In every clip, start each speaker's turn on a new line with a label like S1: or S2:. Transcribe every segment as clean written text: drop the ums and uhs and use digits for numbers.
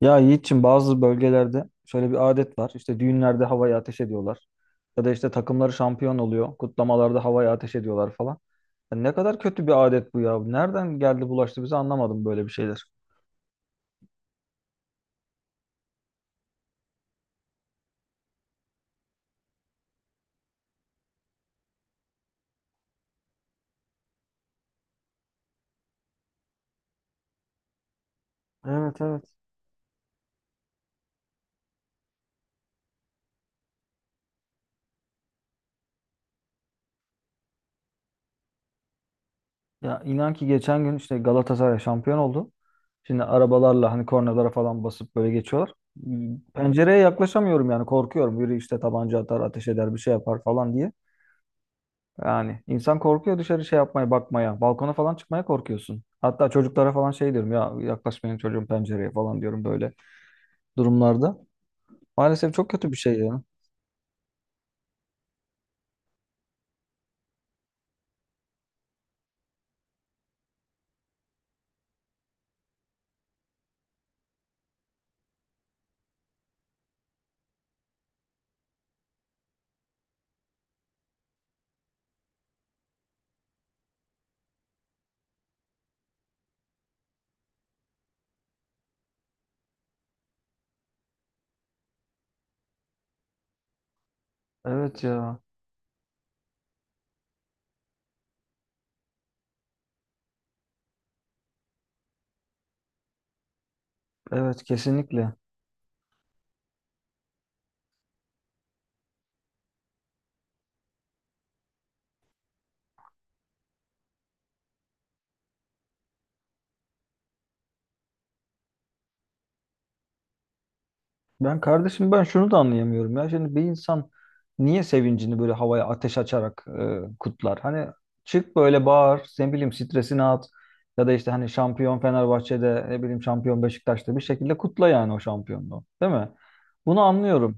S1: Ya Yiğit'ciğim, bazı bölgelerde şöyle bir adet var. İşte düğünlerde havaya ateş ediyorlar. Ya da işte takımları şampiyon oluyor. Kutlamalarda havaya ateş ediyorlar falan. Ya ne kadar kötü bir adet bu ya. Nereden geldi bulaştı bize, anlamadım böyle bir şeyler. Evet, evet. Ya inan ki geçen gün işte Galatasaray şampiyon oldu. Şimdi arabalarla hani kornalara falan basıp böyle geçiyorlar. Pencereye yaklaşamıyorum yani, korkuyorum. Biri işte tabanca atar, ateş eder, bir şey yapar falan diye. Yani insan korkuyor dışarı şey yapmaya, bakmaya. Balkona falan çıkmaya korkuyorsun. Hatta çocuklara falan şey diyorum ya, yaklaşmayın çocuğum pencereye falan diyorum böyle durumlarda. Maalesef çok kötü bir şey ya. Evet ya. Evet, kesinlikle. Ben kardeşim, ben şunu da anlayamıyorum ya. Şimdi bir insan niye sevincini böyle havaya ateş açarak kutlar? Hani çık böyle bağır, ne bileyim stresini at. Ya da işte hani şampiyon Fenerbahçe'de, ne bileyim şampiyon Beşiktaş'ta, bir şekilde kutla yani o şampiyonluğu. Değil mi? Bunu anlıyorum.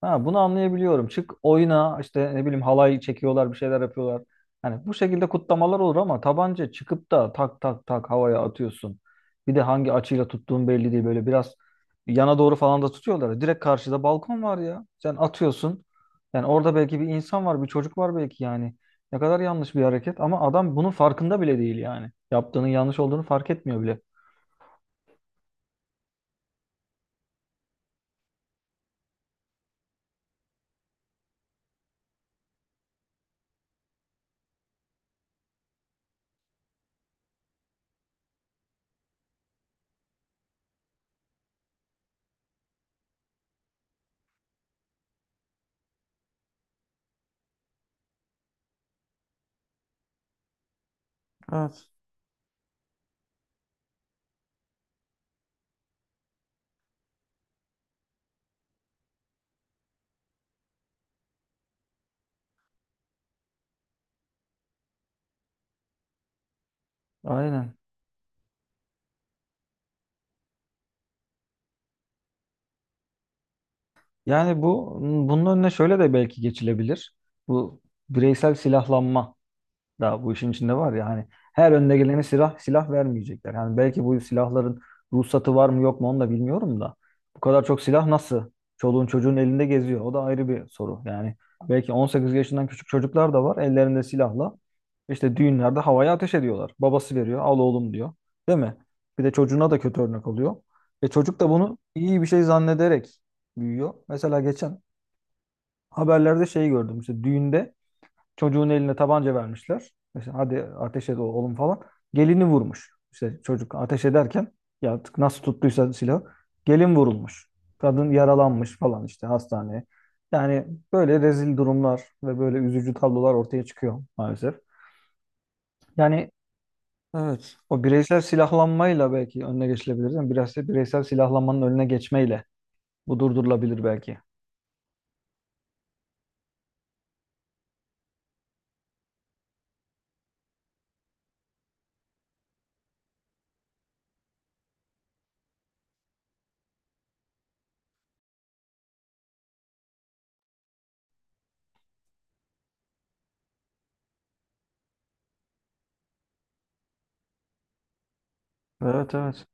S1: Ha, bunu anlayabiliyorum. Çık oyuna işte, ne bileyim, halay çekiyorlar, bir şeyler yapıyorlar. Hani bu şekilde kutlamalar olur ama tabanca çıkıp da tak tak tak havaya atıyorsun. Bir de hangi açıyla tuttuğun belli değil. Böyle biraz yana doğru falan da tutuyorlar. Direkt karşıda balkon var ya. Sen atıyorsun. Yani orada belki bir insan var, bir çocuk var belki yani. Ne kadar yanlış bir hareket ama adam bunun farkında bile değil yani. Yaptığının yanlış olduğunu fark etmiyor bile. Evet. Aynen. Yani bu, bunun önüne şöyle de belki geçilebilir. Bu bireysel silahlanma. Daha bu işin içinde var ya hani, her önüne gelene silah vermeyecekler. Yani belki bu silahların ruhsatı var mı yok mu onu da bilmiyorum da. Bu kadar çok silah nasıl? Çoluğun çocuğun elinde geziyor. O da ayrı bir soru. Yani belki 18 yaşından küçük çocuklar da var ellerinde silahla. İşte düğünlerde havaya ateş ediyorlar. Babası veriyor, al oğlum diyor. Değil mi? Bir de çocuğuna da kötü örnek oluyor. Ve çocuk da bunu iyi bir şey zannederek büyüyor. Mesela geçen haberlerde şey gördüm. İşte düğünde çocuğun eline tabanca vermişler. İşte hadi ateş et oğlum falan. Gelini vurmuş. İşte çocuk ateş ederken, ya artık nasıl tuttuysa silahı, gelin vurulmuş. Kadın yaralanmış falan, işte hastaneye. Yani böyle rezil durumlar ve böyle üzücü tablolar ortaya çıkıyor maalesef. Yani. Evet. O bireysel silahlanmayla belki önüne geçilebilir. Yani biraz da bireysel silahlanmanın önüne geçmeyle bu durdurulabilir belki. Evet, evet.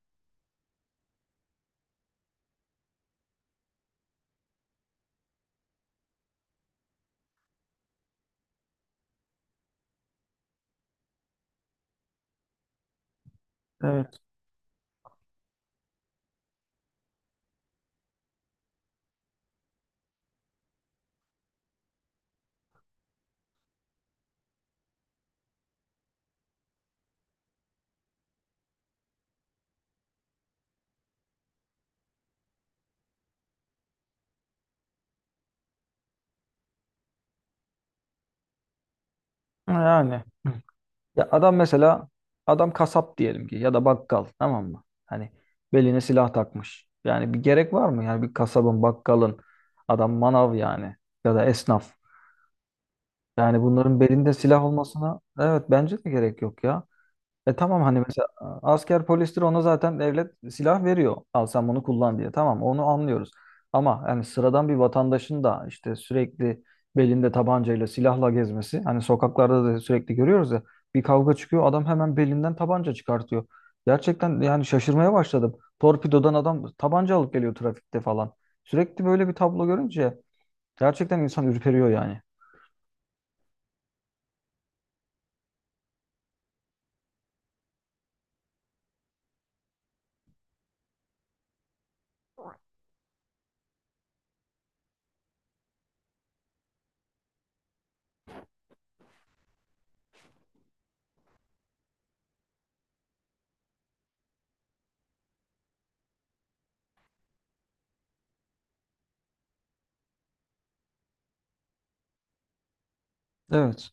S1: Evet. Yani. Ya adam mesela, adam kasap diyelim ki ya da bakkal, tamam mı? Hani beline silah takmış. Yani bir gerek var mı? Yani bir kasabın, bakkalın, adam manav yani, ya da esnaf. Yani bunların belinde silah olmasına, evet, bence de gerek yok ya. E tamam hani mesela asker polistir, ona zaten devlet silah veriyor. Al sen bunu kullan diye. Tamam, onu anlıyoruz. Ama yani sıradan bir vatandaşın da işte sürekli belinde tabancayla silahla gezmesi. Hani sokaklarda da sürekli görüyoruz ya, bir kavga çıkıyor adam hemen belinden tabanca çıkartıyor. Gerçekten yani şaşırmaya başladım. Torpidodan adam tabanca alıp geliyor trafikte falan. Sürekli böyle bir tablo görünce gerçekten insan ürperiyor yani. Evet.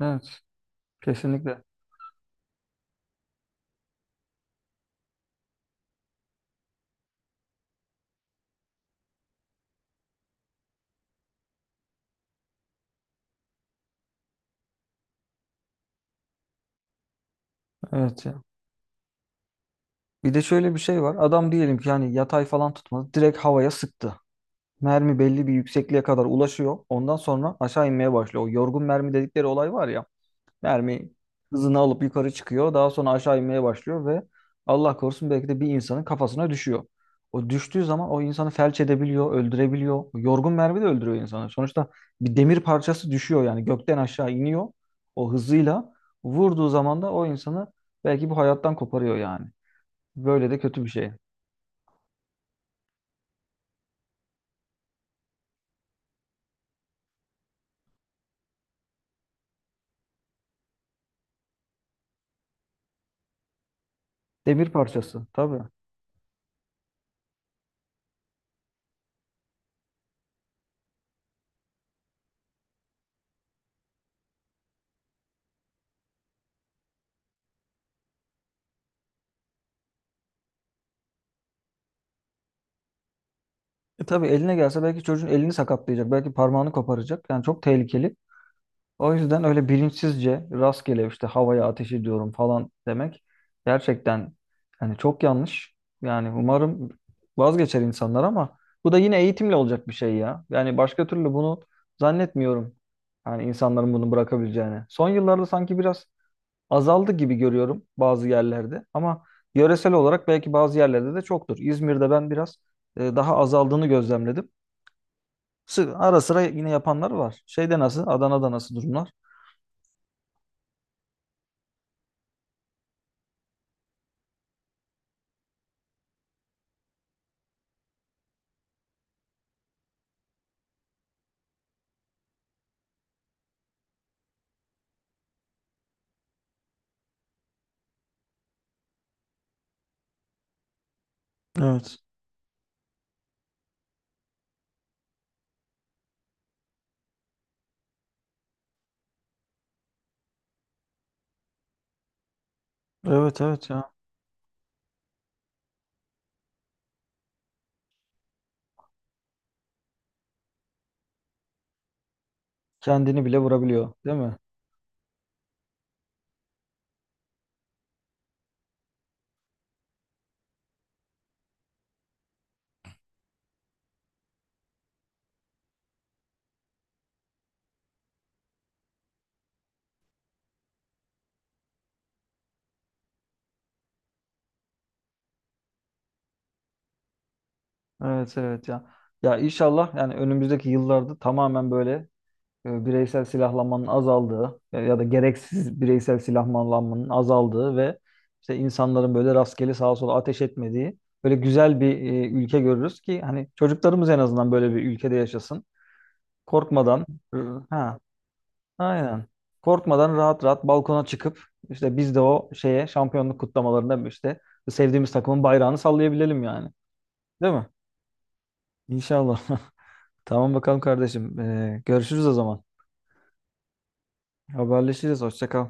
S1: Evet. Kesinlikle. Evet. Bir de şöyle bir şey var. Adam diyelim ki yani yatay falan tutmadı. Direkt havaya sıktı. Mermi belli bir yüksekliğe kadar ulaşıyor. Ondan sonra aşağı inmeye başlıyor. O yorgun mermi dedikleri olay var ya. Mermi hızını alıp yukarı çıkıyor. Daha sonra aşağı inmeye başlıyor ve Allah korusun belki de bir insanın kafasına düşüyor. O düştüğü zaman o insanı felç edebiliyor, öldürebiliyor. O yorgun mermi de öldürüyor insanı. Sonuçta bir demir parçası düşüyor yani, gökten aşağı iniyor o hızıyla. Vurduğu zaman da o insanı belki bu hayattan koparıyor yani. Böyle de kötü bir şey. Demir parçası tabii. E, tabii eline gelse belki çocuğun elini sakatlayacak. Belki parmağını koparacak. Yani çok tehlikeli. O yüzden öyle bilinçsizce rastgele işte havaya ateş ediyorum falan demek gerçekten hani çok yanlış. Yani umarım vazgeçer insanlar ama bu da yine eğitimle olacak bir şey ya. Yani başka türlü bunu zannetmiyorum. Yani insanların bunu bırakabileceğini. Son yıllarda sanki biraz azaldı gibi görüyorum bazı yerlerde ama yöresel olarak belki bazı yerlerde de çoktur. İzmir'de ben biraz daha azaldığını gözlemledim. Ara sıra yine yapanlar var. Şeyde nasıl? Adana'da nasıl durumlar? Evet. Evet, evet ya. Kendini bile vurabiliyor, değil mi? Evet, evet ya. Ya inşallah yani önümüzdeki yıllarda tamamen böyle bireysel silahlanmanın azaldığı, ya da gereksiz bireysel silahlanmanın azaldığı ve işte insanların böyle rastgele sağa sola ateş etmediği böyle güzel bir ülke görürüz ki hani çocuklarımız en azından böyle bir ülkede yaşasın. Korkmadan. e, ha aynen. Korkmadan rahat rahat balkona çıkıp işte biz de o şeye, şampiyonluk kutlamalarında işte sevdiğimiz takımın bayrağını sallayabilelim yani. Değil mi? İnşallah. Tamam bakalım kardeşim. Görüşürüz o zaman. Haberleşiriz. Hoşça kal.